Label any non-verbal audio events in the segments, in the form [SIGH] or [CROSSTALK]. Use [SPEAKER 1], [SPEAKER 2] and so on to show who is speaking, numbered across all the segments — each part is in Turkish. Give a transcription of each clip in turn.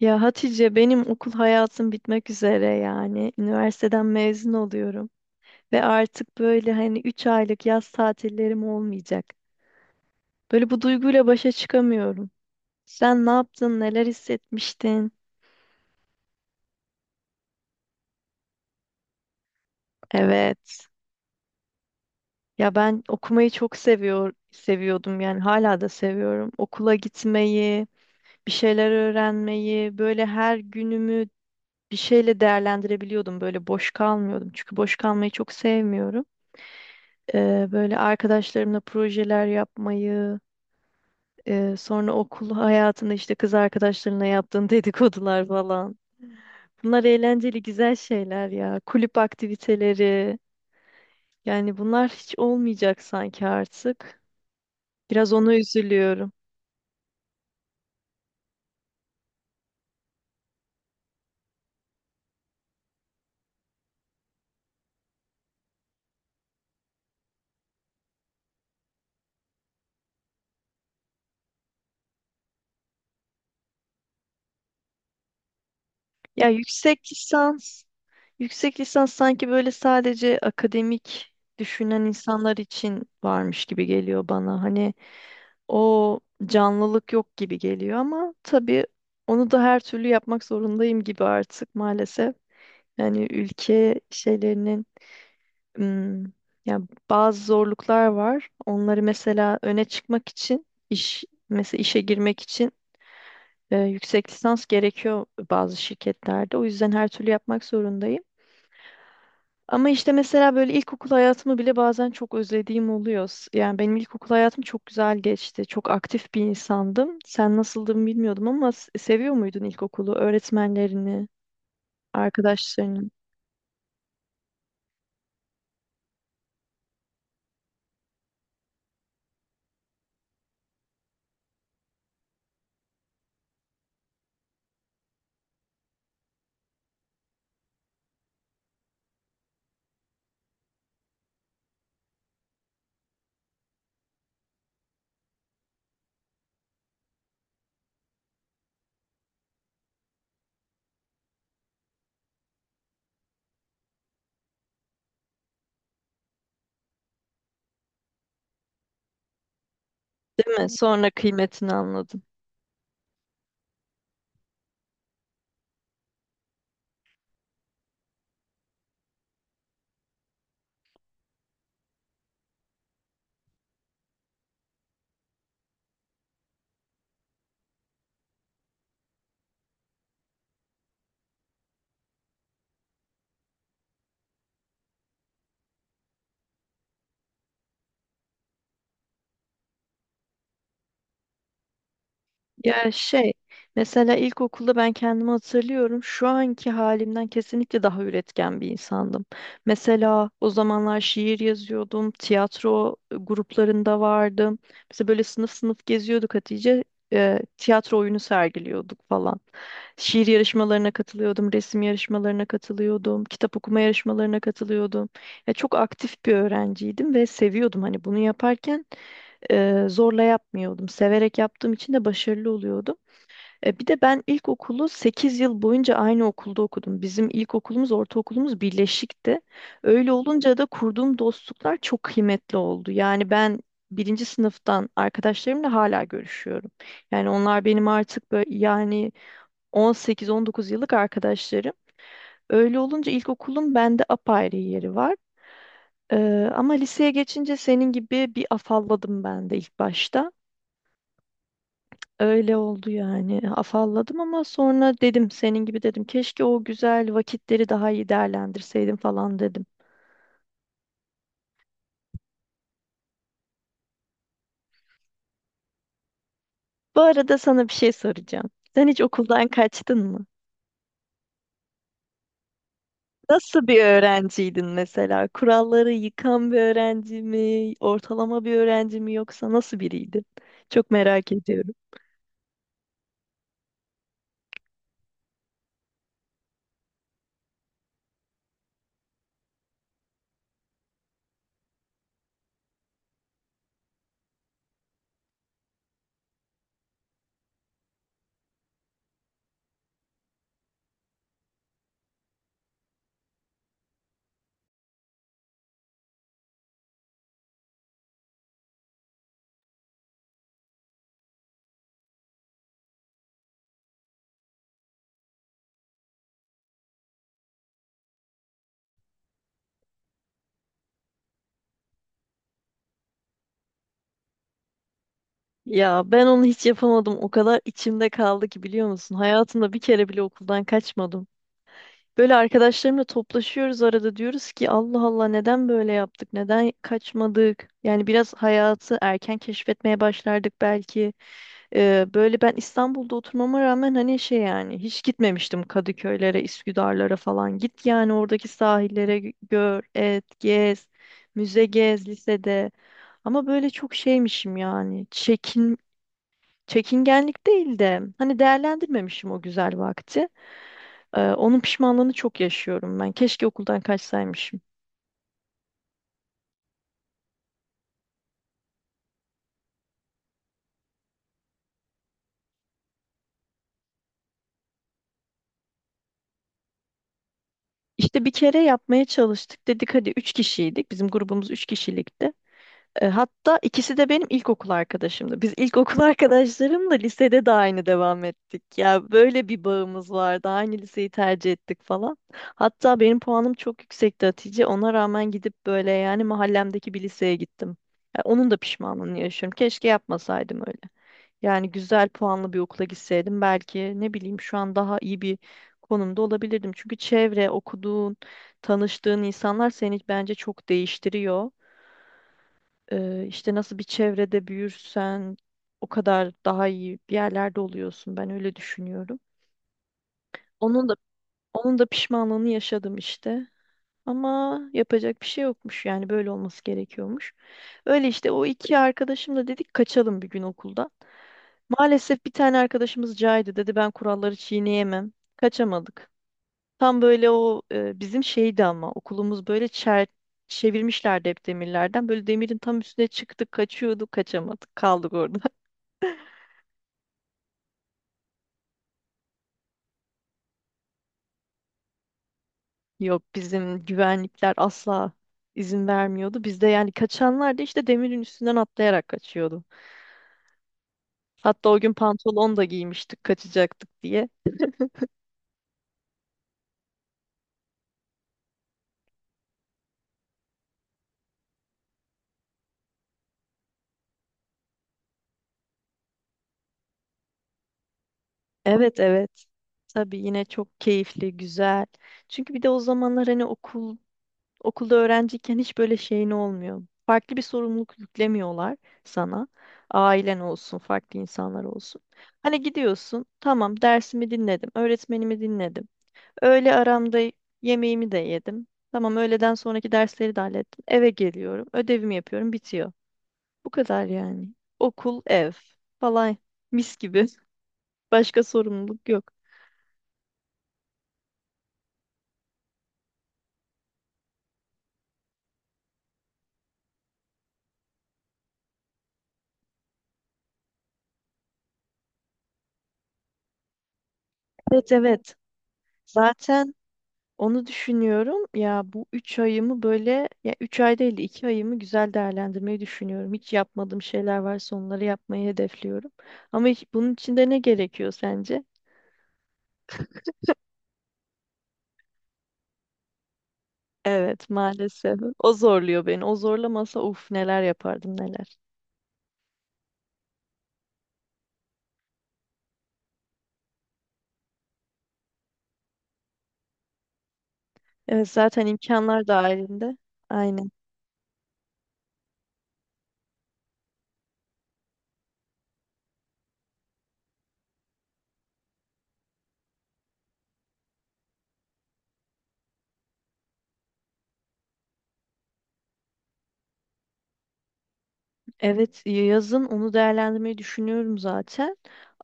[SPEAKER 1] Ya Hatice benim okul hayatım bitmek üzere yani. Üniversiteden mezun oluyorum ve artık böyle hani 3 aylık yaz tatillerim olmayacak. Böyle bu duyguyla başa çıkamıyorum. Sen ne yaptın? Neler hissetmiştin? Evet. Ya ben okumayı çok seviyordum yani hala da seviyorum. Okula gitmeyi, bir şeyler öğrenmeyi, böyle her günümü bir şeyle değerlendirebiliyordum. Böyle boş kalmıyordum. Çünkü boş kalmayı çok sevmiyorum. Böyle arkadaşlarımla projeler yapmayı, sonra okul hayatında işte kız arkadaşlarına yaptığın [LAUGHS] dedikodular falan. Bunlar eğlenceli, güzel şeyler ya. Kulüp aktiviteleri. Yani bunlar hiç olmayacak sanki artık. Biraz ona üzülüyorum. Ya yüksek lisans, yüksek lisans sanki böyle sadece akademik düşünen insanlar için varmış gibi geliyor bana. Hani o canlılık yok gibi geliyor ama tabii onu da her türlü yapmak zorundayım gibi artık maalesef. Yani ülke şeylerinin ım, yani bazı zorluklar var. Onları mesela öne çıkmak için iş mesela işe girmek için yüksek lisans gerekiyor bazı şirketlerde. O yüzden her türlü yapmak zorundayım. Ama işte mesela böyle ilkokul hayatımı bile bazen çok özlediğim oluyor. Yani benim ilkokul hayatım çok güzel geçti. Çok aktif bir insandım. Sen nasıldın bilmiyordum ama seviyor muydun ilkokulu, öğretmenlerini, arkadaşlarını? Değil mi? Sonra kıymetini anladım. Ya şey, mesela ilkokulda ben kendimi hatırlıyorum. Şu anki halimden kesinlikle daha üretken bir insandım. Mesela o zamanlar şiir yazıyordum, tiyatro gruplarında vardım. Mesela böyle sınıf sınıf geziyorduk Hatice. Tiyatro oyunu sergiliyorduk falan. Şiir yarışmalarına katılıyordum, resim yarışmalarına katılıyordum, kitap okuma yarışmalarına katılıyordum. Ya çok aktif bir öğrenciydim ve seviyordum hani bunu yaparken zorla yapmıyordum. Severek yaptığım için de başarılı oluyordum. Bir de ben ilkokulu 8 yıl boyunca aynı okulda okudum. Bizim ilkokulumuz, ortaokulumuz birleşikti. Öyle olunca da kurduğum dostluklar çok kıymetli oldu. Yani ben birinci sınıftan arkadaşlarımla hala görüşüyorum. Yani onlar benim artık böyle yani 18-19 yıllık arkadaşlarım. Öyle olunca ilkokulun bende apayrı yeri var. Ama liseye geçince senin gibi bir afalladım ben de ilk başta. Öyle oldu yani. Afalladım ama sonra dedim senin gibi dedim. Keşke o güzel vakitleri daha iyi değerlendirseydim falan dedim. Bu arada sana bir şey soracağım. Sen hiç okuldan kaçtın mı? Nasıl bir öğrenciydin mesela? Kuralları yıkan bir öğrenci mi, ortalama bir öğrenci mi yoksa nasıl biriydin? Çok merak ediyorum. Ya ben onu hiç yapamadım. O kadar içimde kaldı ki biliyor musun? Hayatımda bir kere bile okuldan kaçmadım. Böyle arkadaşlarımla toplaşıyoruz arada diyoruz ki Allah Allah neden böyle yaptık? Neden kaçmadık? Yani biraz hayatı erken keşfetmeye başlardık belki. Böyle ben İstanbul'da oturmama rağmen hani şey yani hiç gitmemiştim Kadıköylere, Üsküdarlara falan. Git yani oradaki sahillere gör, et, gez, müze gez lisede. Ama böyle çok şeymişim yani. Çekingenlik değil de hani değerlendirmemişim o güzel vakti. Onun pişmanlığını çok yaşıyorum ben. Keşke okuldan kaçsaymışım. İşte bir kere yapmaya çalıştık. Dedik hadi 3 kişiydik. Bizim grubumuz 3 kişilikti. Hatta ikisi de benim ilkokul arkadaşımdı. Biz ilkokul [LAUGHS] arkadaşlarımla lisede de aynı devam ettik. Ya böyle bir bağımız vardı. Aynı liseyi tercih ettik falan. Hatta benim puanım çok yüksekti Hatice. Ona rağmen gidip böyle yani mahallemdeki bir liseye gittim. Ya onun da pişmanlığını yaşıyorum. Keşke yapmasaydım öyle. Yani güzel puanlı bir okula gitseydim belki ne bileyim şu an daha iyi bir konumda olabilirdim. Çünkü çevre, okuduğun, tanıştığın insanlar seni bence çok değiştiriyor. İşte nasıl bir çevrede büyürsen o kadar daha iyi bir yerlerde oluyorsun. Ben öyle düşünüyorum. Onun da onun da pişmanlığını yaşadım işte. Ama yapacak bir şey yokmuş yani böyle olması gerekiyormuş. Öyle işte o iki arkadaşımla dedik kaçalım bir gün okuldan. Maalesef bir tane arkadaşımız caydı dedi ben kuralları çiğneyemem. Kaçamadık. Tam böyle o bizim şeydi ama okulumuz böyle çevirmişlerdi hep demirlerden. Böyle demirin tam üstüne çıktık kaçıyorduk kaçamadık kaldık orada. [LAUGHS] Yok bizim güvenlikler asla izin vermiyordu. Bizde yani kaçanlar da işte demirin üstünden atlayarak kaçıyordu. Hatta o gün pantolon da giymiştik kaçacaktık diye. Evet, evet. Tabii yine çok keyifli, güzel. Çünkü bir de o zamanlar hani okulda öğrenciyken hiç böyle şeyin olmuyor. Farklı bir sorumluluk yüklemiyorlar sana. Ailen olsun, farklı insanlar olsun. Hani gidiyorsun, tamam dersimi dinledim, öğretmenimi dinledim. Öğle aramda yemeğimi de yedim. Tamam öğleden sonraki dersleri de hallettim. Eve geliyorum. Ödevimi yapıyorum. Bitiyor. Bu kadar yani. Okul, ev falan mis gibi. [LAUGHS] Başka sorumluluk yok. Evet, evet. Zaten onu düşünüyorum. Ya bu 3 ayımı böyle ya 3 ay değil de 2 ayımı güzel değerlendirmeyi düşünüyorum. Hiç yapmadığım şeyler varsa onları yapmayı hedefliyorum. Ama bunun için de ne gerekiyor sence? Evet, maalesef. O zorluyor beni. O zorlamasa uf neler yapardım neler. Evet, zaten imkanlar dahilinde. Aynen. Evet, yazın onu değerlendirmeyi düşünüyorum zaten.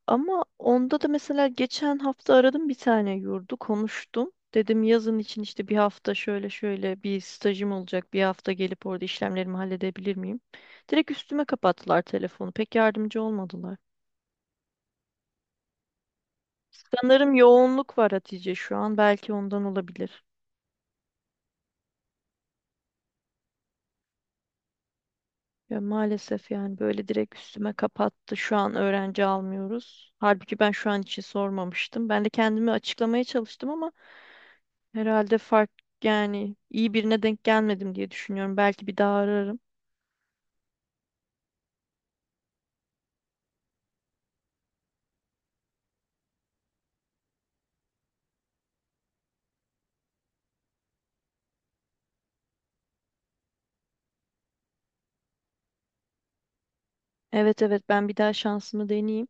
[SPEAKER 1] Ama onda da mesela geçen hafta aradım bir tane yurdu konuştum. Dedim yazın için işte bir hafta şöyle şöyle bir stajım olacak. Bir hafta gelip orada işlemlerimi halledebilir miyim? Direkt üstüme kapattılar telefonu. Pek yardımcı olmadılar. Sanırım yoğunluk var Hatice şu an. Belki ondan olabilir. Ya maalesef yani böyle direkt üstüme kapattı. Şu an öğrenci almıyoruz. Halbuki ben şu an için sormamıştım. Ben de kendimi açıklamaya çalıştım ama herhalde fark yani iyi birine denk gelmedim diye düşünüyorum. Belki bir daha ararım. Evet, evet, ben bir daha şansımı deneyeyim.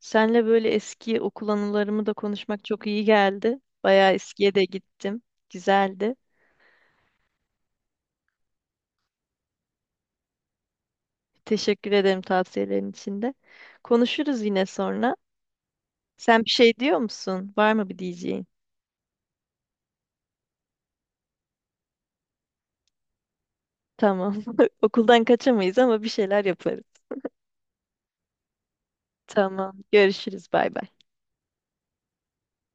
[SPEAKER 1] Senle böyle eski okul anılarımı da konuşmak çok iyi geldi. Bayağı eskiye de gittim. Güzeldi. Teşekkür ederim tavsiyelerin için de. Konuşuruz yine sonra. Sen bir şey diyor musun? Var mı bir diyeceğin? Tamam. [LAUGHS] Okuldan kaçamayız ama bir şeyler yaparız. Tamam. Görüşürüz. Bay bay.